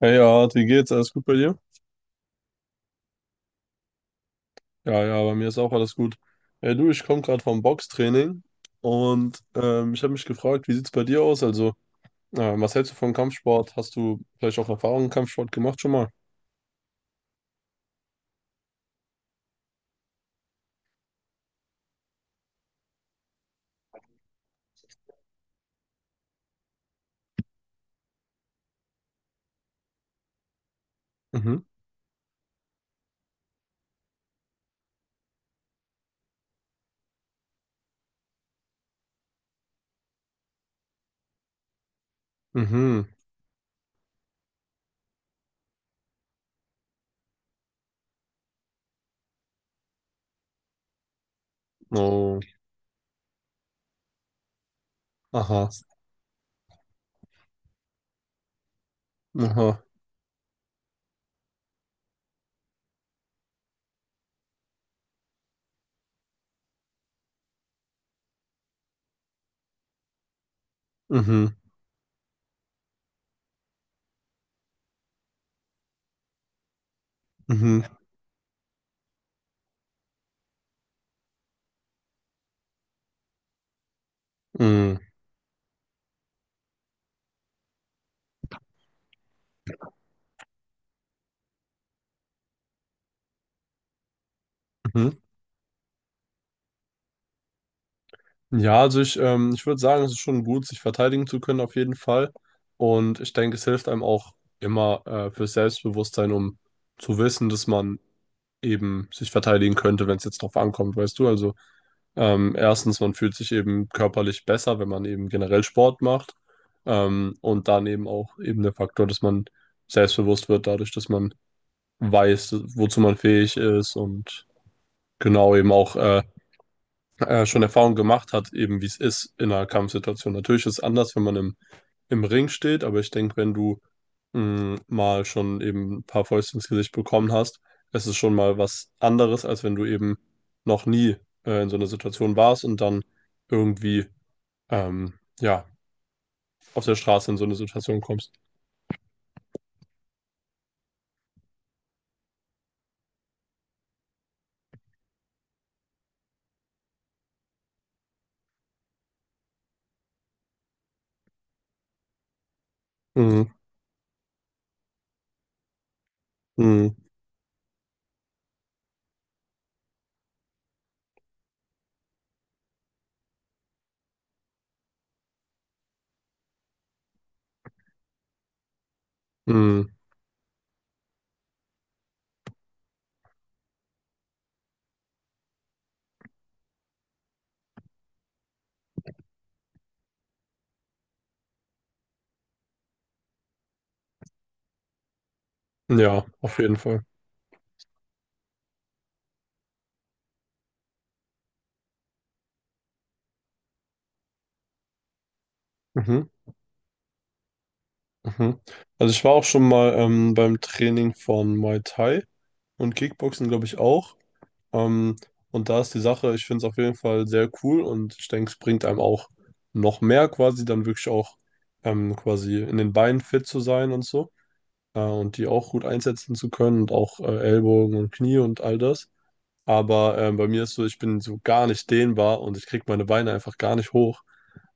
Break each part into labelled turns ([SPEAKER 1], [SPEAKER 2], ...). [SPEAKER 1] Hey, Art, wie geht's? Alles gut bei dir? Ja, ja, bei mir ist auch alles gut. Hey, du, ich komme gerade vom Boxtraining und ich habe mich gefragt, wie sieht's bei dir aus? Also, was hältst du von Kampfsport? Hast du vielleicht auch Erfahrungen im Kampfsport gemacht schon mal? Mhm, mhm, oh, aha, aha, mhm, mhm, mhm, mhm. Ja, also ich würde sagen, es ist schon gut, sich verteidigen zu können auf jeden Fall. Und ich denke, es hilft einem auch immer fürs Selbstbewusstsein, um zu wissen, dass man eben sich verteidigen könnte, wenn es jetzt drauf ankommt, weißt du? Also erstens, man fühlt sich eben körperlich besser, wenn man eben generell Sport macht. Und dann eben auch eben der Faktor, dass man selbstbewusst wird, dadurch, dass man weiß, wozu man fähig ist und genau eben auch schon Erfahrung gemacht hat, eben wie es ist in einer Kampfsituation. Natürlich ist es anders, wenn man im Ring steht, aber ich denke, wenn du mal schon eben ein paar Fäuste ins Gesicht bekommen hast, es ist schon mal was anderes, als wenn du eben noch nie in so einer Situation warst und dann irgendwie ähm, ja, auf der Straße in so eine Situation kommst. Mhm, mh, mh, ja, auf jeden Fall. Mhm, mhm. Also ich war auch schon mal beim Training von Muay Thai und Kickboxen, glaube ich, auch. Ähm, und da ist die Sache, ich finde es auf jeden Fall sehr cool und ich denke, es bringt einem auch noch mehr quasi, dann wirklich auch quasi in den Beinen fit zu sein und so und die auch gut einsetzen zu können und auch Ellbogen und Knie und all das. Aber bei mir ist so, ich bin so gar nicht dehnbar und ich kriege meine Beine einfach gar nicht hoch.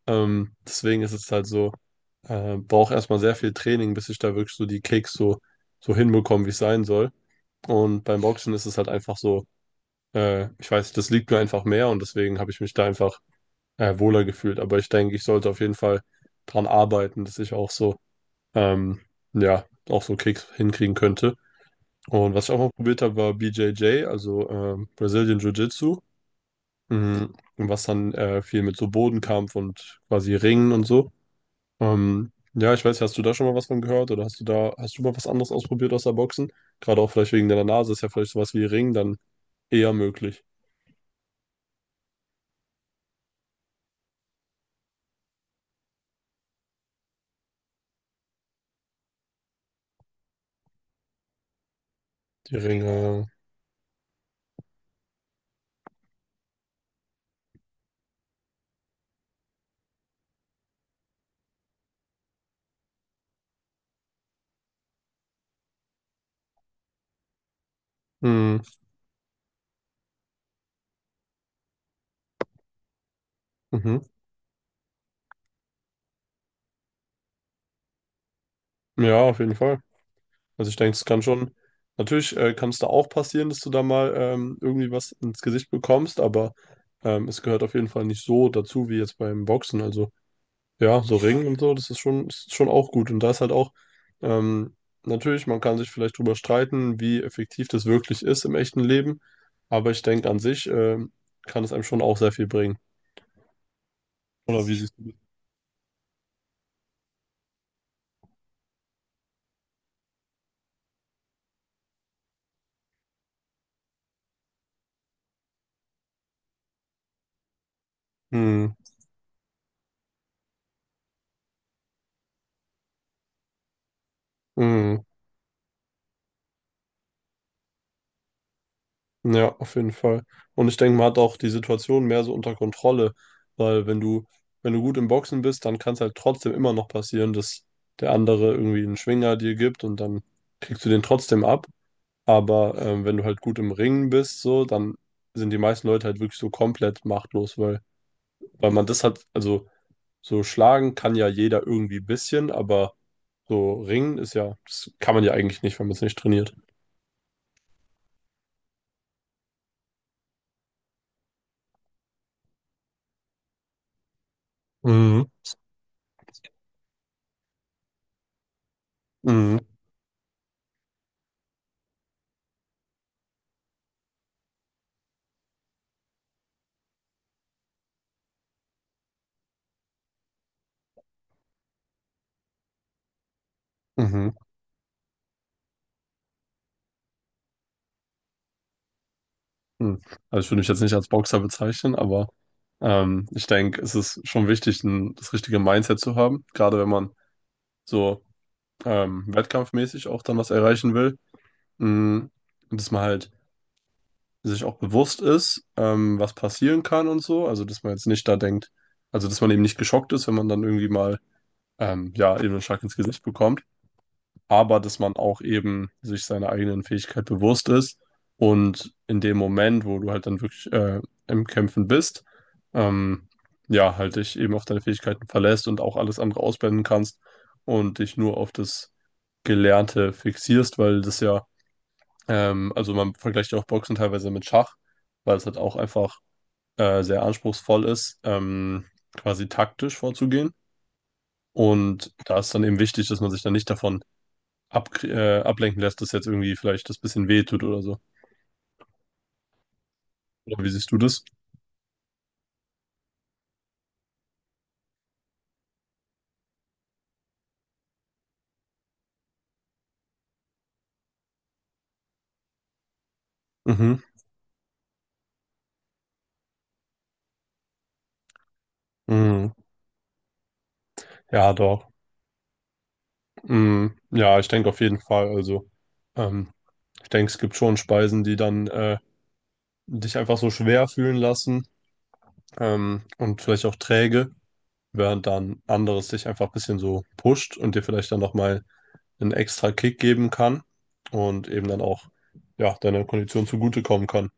[SPEAKER 1] Deswegen ist es halt so, brauche erstmal sehr viel Training, bis ich da wirklich so die Kicks so hinbekomme, wie es sein soll. Und beim Boxen ist es halt einfach so. Ich weiß, das liegt mir einfach mehr und deswegen habe ich mich da einfach wohler gefühlt. Aber ich denke, ich sollte auf jeden Fall dran arbeiten, dass ich auch so, ähm, ja, auch so Kicks hinkriegen könnte. Und was ich auch mal probiert habe, war BJJ, also Brazilian Jiu-Jitsu, mhm. Was dann viel mit so Bodenkampf und quasi Ringen und so. Ja, ich weiß, hast du da schon mal was von gehört oder hast du hast du mal was anderes ausprobiert außer Boxen? Gerade auch vielleicht wegen deiner Nase ist ja vielleicht sowas wie Ring dann eher möglich. Die Ringe. Mhm. Ja, auf jeden Fall. Also ich denke, es kann schon, natürlich kann es da auch passieren, dass du da mal irgendwie was ins Gesicht bekommst, aber es gehört auf jeden Fall nicht so dazu wie jetzt beim Boxen. Also ja, so Ringen und so, das ist schon auch gut. Und da ist halt auch, ähm, natürlich, man kann sich vielleicht drüber streiten, wie effektiv das wirklich ist im echten Leben, aber ich denke, an sich kann es einem schon auch sehr viel bringen. Oder wie siehst du das? Mhm. Mhm. Ja, auf jeden Fall. Und ich denke, man hat auch die Situation mehr so unter Kontrolle, weil wenn du gut im Boxen bist, dann kann es halt trotzdem immer noch passieren, dass der andere irgendwie einen Schwinger dir gibt und dann kriegst du den trotzdem ab. Aber wenn du halt gut im Ringen bist, so, dann sind die meisten Leute halt wirklich so komplett machtlos, weil man das hat, also so schlagen kann ja jeder irgendwie ein bisschen, aber so ringen ist ja, das kann man ja eigentlich nicht, wenn man es nicht trainiert. Mhm. Mhm. Mhm. Hm. Also ich würde mich jetzt nicht als Boxer bezeichnen, aber ich denke, es ist schon wichtig, das richtige Mindset zu haben, gerade wenn man so wettkampfmäßig auch dann was erreichen will. Hm. Und dass man halt sich auch bewusst ist, was passieren kann und so, also dass man jetzt nicht da denkt, also dass man eben nicht geschockt ist, wenn man dann irgendwie mal ja eben einen Schlag ins Gesicht bekommt. Aber dass man auch eben sich seiner eigenen Fähigkeit bewusst ist und in dem Moment, wo du halt dann wirklich im Kämpfen bist, ähm, ja, halt dich eben auf deine Fähigkeiten verlässt und auch alles andere ausblenden kannst und dich nur auf das Gelernte fixierst, weil das ja, also man vergleicht ja auch Boxen teilweise mit Schach, weil es halt auch einfach sehr anspruchsvoll ist, quasi taktisch vorzugehen. Und da ist dann eben wichtig, dass man sich dann nicht davon ablenken lässt, das jetzt irgendwie vielleicht das bisschen wehtut oder so. Oder wie siehst du das? Mhm. Mhm. Ja, doch. Mhm. Ja, ich denke auf jeden Fall. Also, ähm, ich denke, es gibt schon Speisen, die dann dich einfach so schwer fühlen lassen und vielleicht auch träge, während dann anderes dich einfach ein bisschen so pusht und dir vielleicht dann nochmal einen extra Kick geben kann und eben dann auch ja, deiner Kondition zugutekommen kann.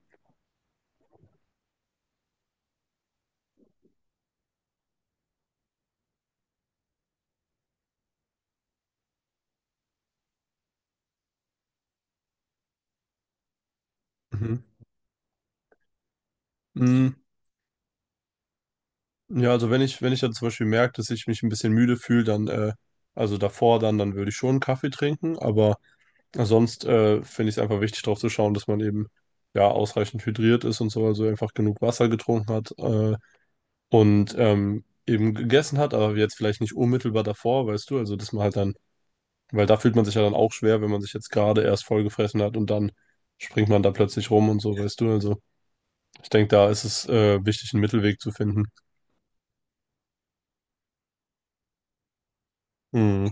[SPEAKER 1] Mhm. Mm. Ja, also wenn ich dann zum Beispiel merke, dass ich mich ein bisschen müde fühle, also davor dann würde ich schon einen Kaffee trinken, aber sonst finde ich es einfach wichtig, darauf zu schauen, dass man eben ja ausreichend hydriert ist und so, also einfach genug Wasser getrunken hat, und eben gegessen hat, aber jetzt vielleicht nicht unmittelbar davor, weißt du, also dass man halt dann, weil da fühlt man sich ja dann auch schwer, wenn man sich jetzt gerade erst vollgefressen hat und dann springt man da plötzlich rum und so, weißt du, also ich denke, da ist es wichtig, einen Mittelweg zu finden. Mm,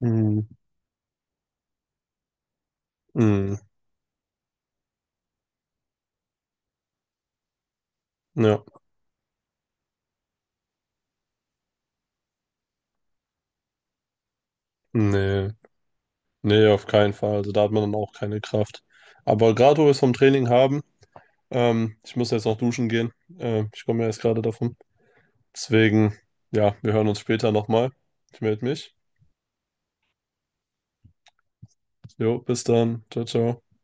[SPEAKER 1] mm, mm, ja, nee, nee, auf keinen Fall, also da hat man dann auch keine Kraft. Aber gerade wo wir es vom Training haben, ich muss jetzt noch duschen gehen, ich komme ja erst gerade davon, deswegen, ja, wir hören uns später nochmal. Ich melde mich. Jo, bis dann. Ciao, ciao.